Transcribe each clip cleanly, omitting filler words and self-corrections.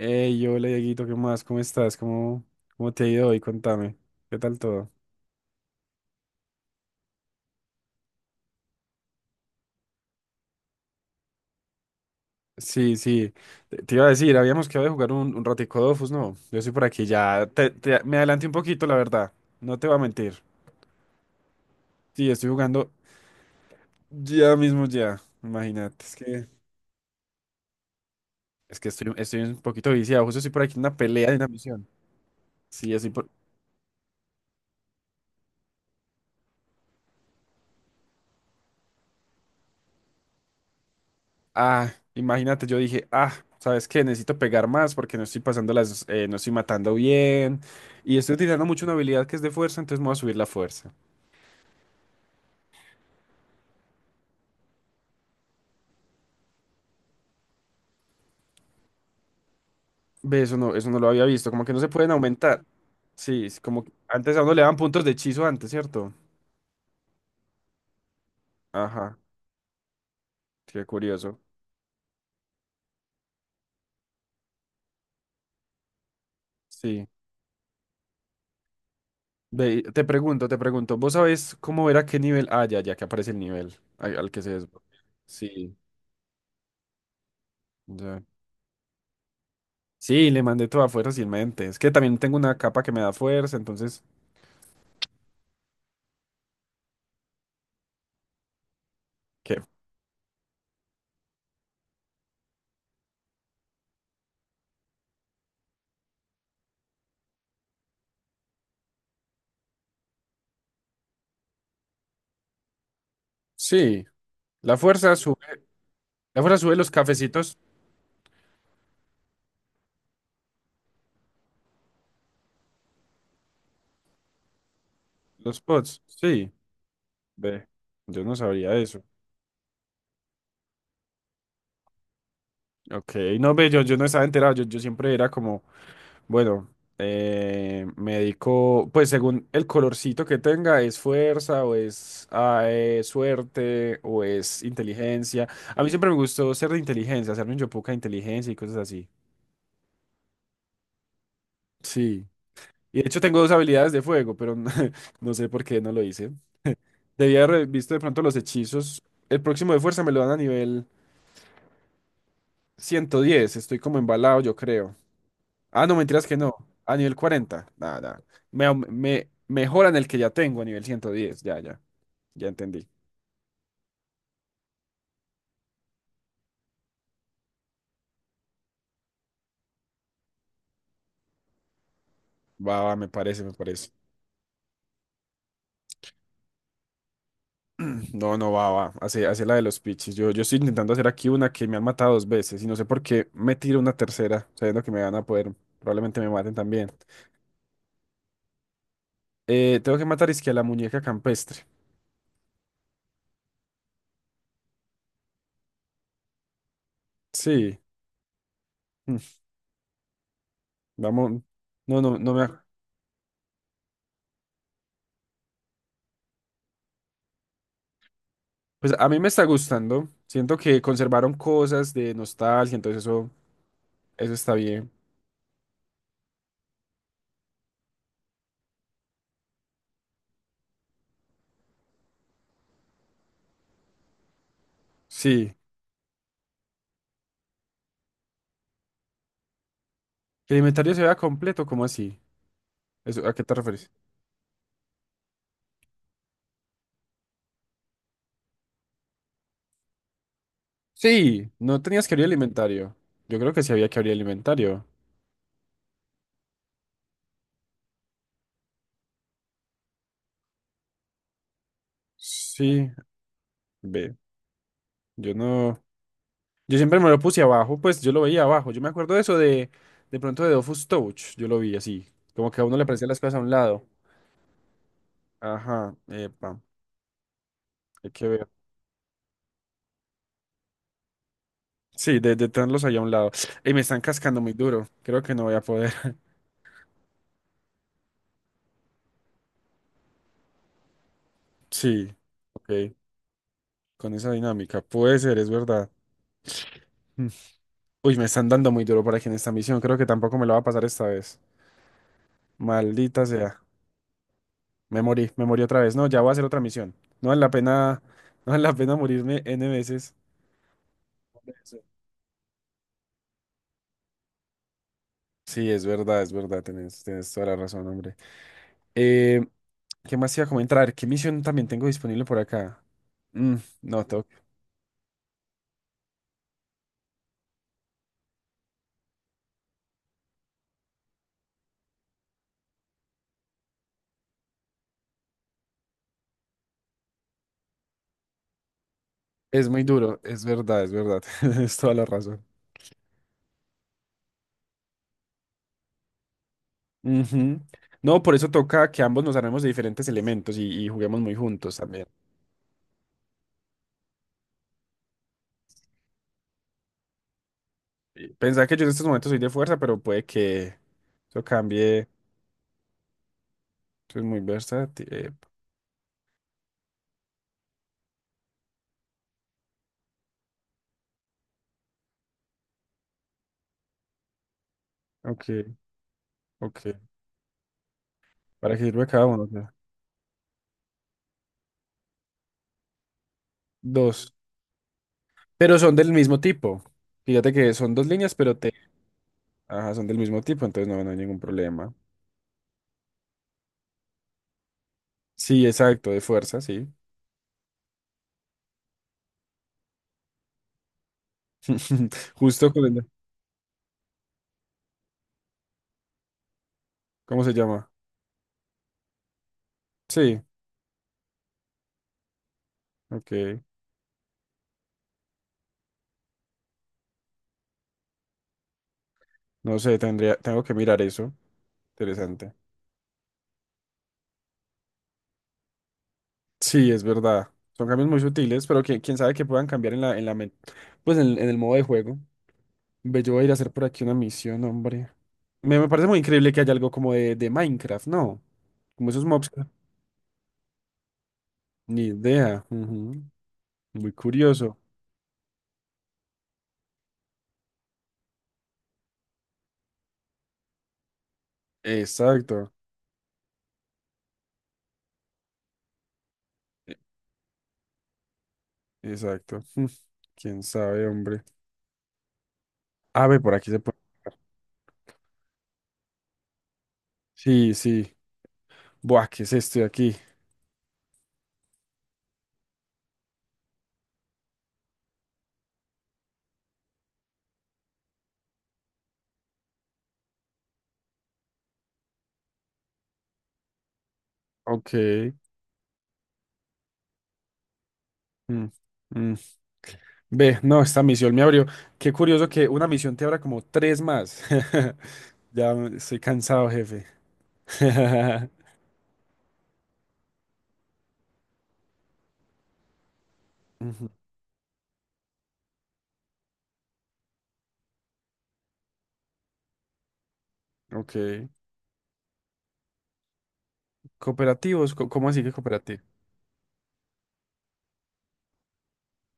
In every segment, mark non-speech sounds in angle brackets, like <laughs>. Hey, hola Dieguito, ¿qué más? ¿Cómo estás? ¿Cómo te ha ido hoy? Contame. ¿Qué tal todo? Sí, sí. Te iba a decir, habíamos quedado de jugar un ratico Dofus, ¿no? Yo estoy por aquí ya. Me adelanté un poquito, la verdad. No te voy a mentir. Sí, estoy jugando ya mismo ya. Imagínate, es que estoy, estoy un poquito viciado. Justo estoy por aquí en una pelea de una misión. Sí, estoy por... Ah, imagínate, yo dije, ah, ¿sabes qué? Necesito pegar más porque no estoy pasando las, no estoy matando bien y estoy utilizando mucho una habilidad que es de fuerza, entonces me voy a subir la fuerza. Ve, eso no lo había visto, como que no se pueden aumentar. Sí, es como que antes a uno le daban puntos de hechizo antes, ¿cierto? Ajá, qué curioso. Sí. Ve, y te pregunto, ¿vos sabés cómo era qué nivel? Ah, ya, ya que aparece el nivel al que se desbloquea. Sí, ya. Sí, le mandé toda fuerza sin mente. Es que también tengo una capa que me da fuerza, entonces. Sí, la fuerza sube, la fuerza sube los cafecitos, los pods. Sí, ve, yo no sabría eso. Ok, no ve, yo no estaba enterado, yo siempre era como, bueno, me dedico, pues según el colorcito que tenga, es fuerza o es ah, suerte o es inteligencia. A mí siempre me gustó ser de inteligencia, hacerme un yopuca de inteligencia y cosas así. Sí, y de hecho tengo dos habilidades de fuego, pero <laughs> no sé por qué no lo hice. Debía haber visto de pronto los hechizos. El próximo de fuerza me lo dan a nivel 110. Estoy como embalado, yo creo. Ah, no, mentiras que no. A nivel 40. Nada, nada. Me mejoran el que ya tengo a nivel 110. Ya, ya. Ya entendí. Va, va, me parece, me parece. No, no, va, va. Hace, hace la de los pitches. Yo estoy intentando hacer aquí una que me han matado dos veces y no sé por qué me tiro una tercera, sabiendo que me van a poder. Probablemente me maten también. Tengo que matar es que a la muñeca campestre. Sí. Mm. Vamos. No, no, no me. Pues a mí me está gustando. Siento que conservaron cosas de nostalgia, entonces eso está bien. Sí, ¿que el inventario se vea completo, cómo así? Eso, ¿a qué te refieres? Sí, no tenías que abrir el inventario. Yo creo que sí había que abrir el inventario. Sí, ve, yo no. Yo siempre me lo puse abajo, pues yo lo veía abajo. Yo me acuerdo de eso de pronto de Dofus Touch. Yo lo vi así, como que a uno le parecían las cosas a un lado. Ajá, epa, hay que ver. Sí, de tenerlos ahí a un lado. Y me están cascando muy duro. Creo que no voy a poder. Sí, ok, con esa dinámica. Puede ser, es verdad. Mm. Uy, me están dando muy duro por aquí en esta misión. Creo que tampoco me lo va a pasar esta vez. Maldita sea. Me morí otra vez. No, ya voy a hacer otra misión. No vale la pena, <laughs> no vale la pena morirme N veces. Sí, es verdad, tienes, tienes toda la razón, hombre. Eh, ¿Qué más iba a comentar? A ver, ¿qué misión también tengo disponible por acá? Mm, no, tengo- es muy duro, es verdad, <laughs> tienes toda la razón. Ujú. No, por eso toca que ambos nos armemos de diferentes elementos y juguemos muy juntos también. Y pensar que yo en estos momentos soy de fuerza, pero puede que eso cambie. Eso es muy versátil. Ok, ok. ¿Para qué sirve cada uno? Ya. Dos. Pero son del mismo tipo. Fíjate que son dos líneas, pero te... Ajá, son del mismo tipo, entonces no, no hay ningún problema. Sí, exacto, de fuerza, sí. <laughs> Justo con el- ¿Cómo se llama? Sí, ok. No sé, tendría, tengo que mirar eso. Interesante. Sí, es verdad. Son cambios muy sutiles, pero que quién sabe que puedan cambiar en la, pues en el modo de juego. Ve, yo voy a ir a hacer por aquí una misión, hombre. Me parece muy increíble que haya algo como de Minecraft, ¿no? Como esos mobs. Ni idea. Ujú. Muy curioso. Exacto. e- Exacto. Mm. Quién sabe, hombre. A ver, por aquí se puede. Sí, sí. Buah, ¿qué es esto de aquí? Ok. Mm. Ve, no, esta misión me abrió. Qué curioso que una misión te abra como tres más. <laughs> Estoy cansado, jefe. <laughs> Ujú. Ok. Cooperativos, ¿cómo así que cooperativo?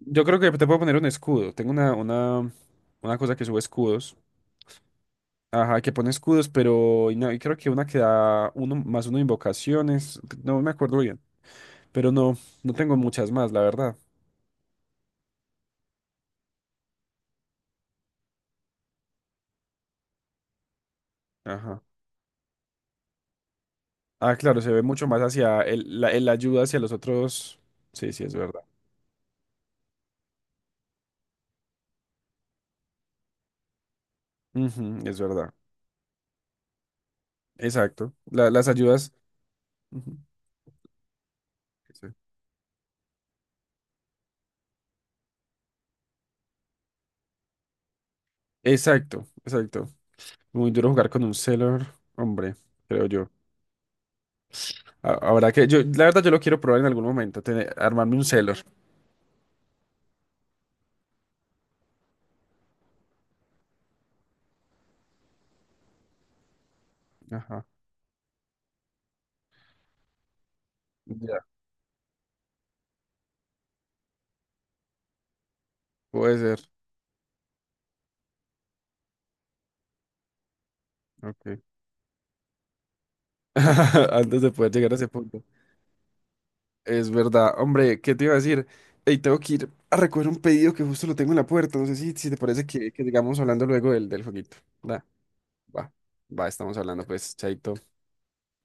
Yo creo que te puedo poner un escudo. Una cosa que sube escudos. Ajá, que pone escudos, pero y no, y creo que una que da uno más uno de invocaciones. No me acuerdo bien. Pero no, no tengo muchas más, la verdad. Ajá. Ah, claro, se ve mucho más hacia el, la el ayuda hacia los otros. Sí, sí, es verdad. Ujú, es verdad. Exacto. La- las ayudas. Ujú, sí. Exacto, exacto. Muy duro jugar con un Sailor, hombre, creo yo. Ahora que yo, la verdad, yo lo quiero probar en algún momento, armarme un Sailor. Ajá. Ya. Puede ser. Ok. <laughs> Antes de poder llegar a ese punto. Es verdad. Hombre, ¿qué te iba a decir? Ey, tengo que ir a recoger un pedido que justo lo tengo en la puerta. No sé si, si te parece que sigamos hablando luego del, del jueguito. Va, va, va, estamos hablando, pues, chaito.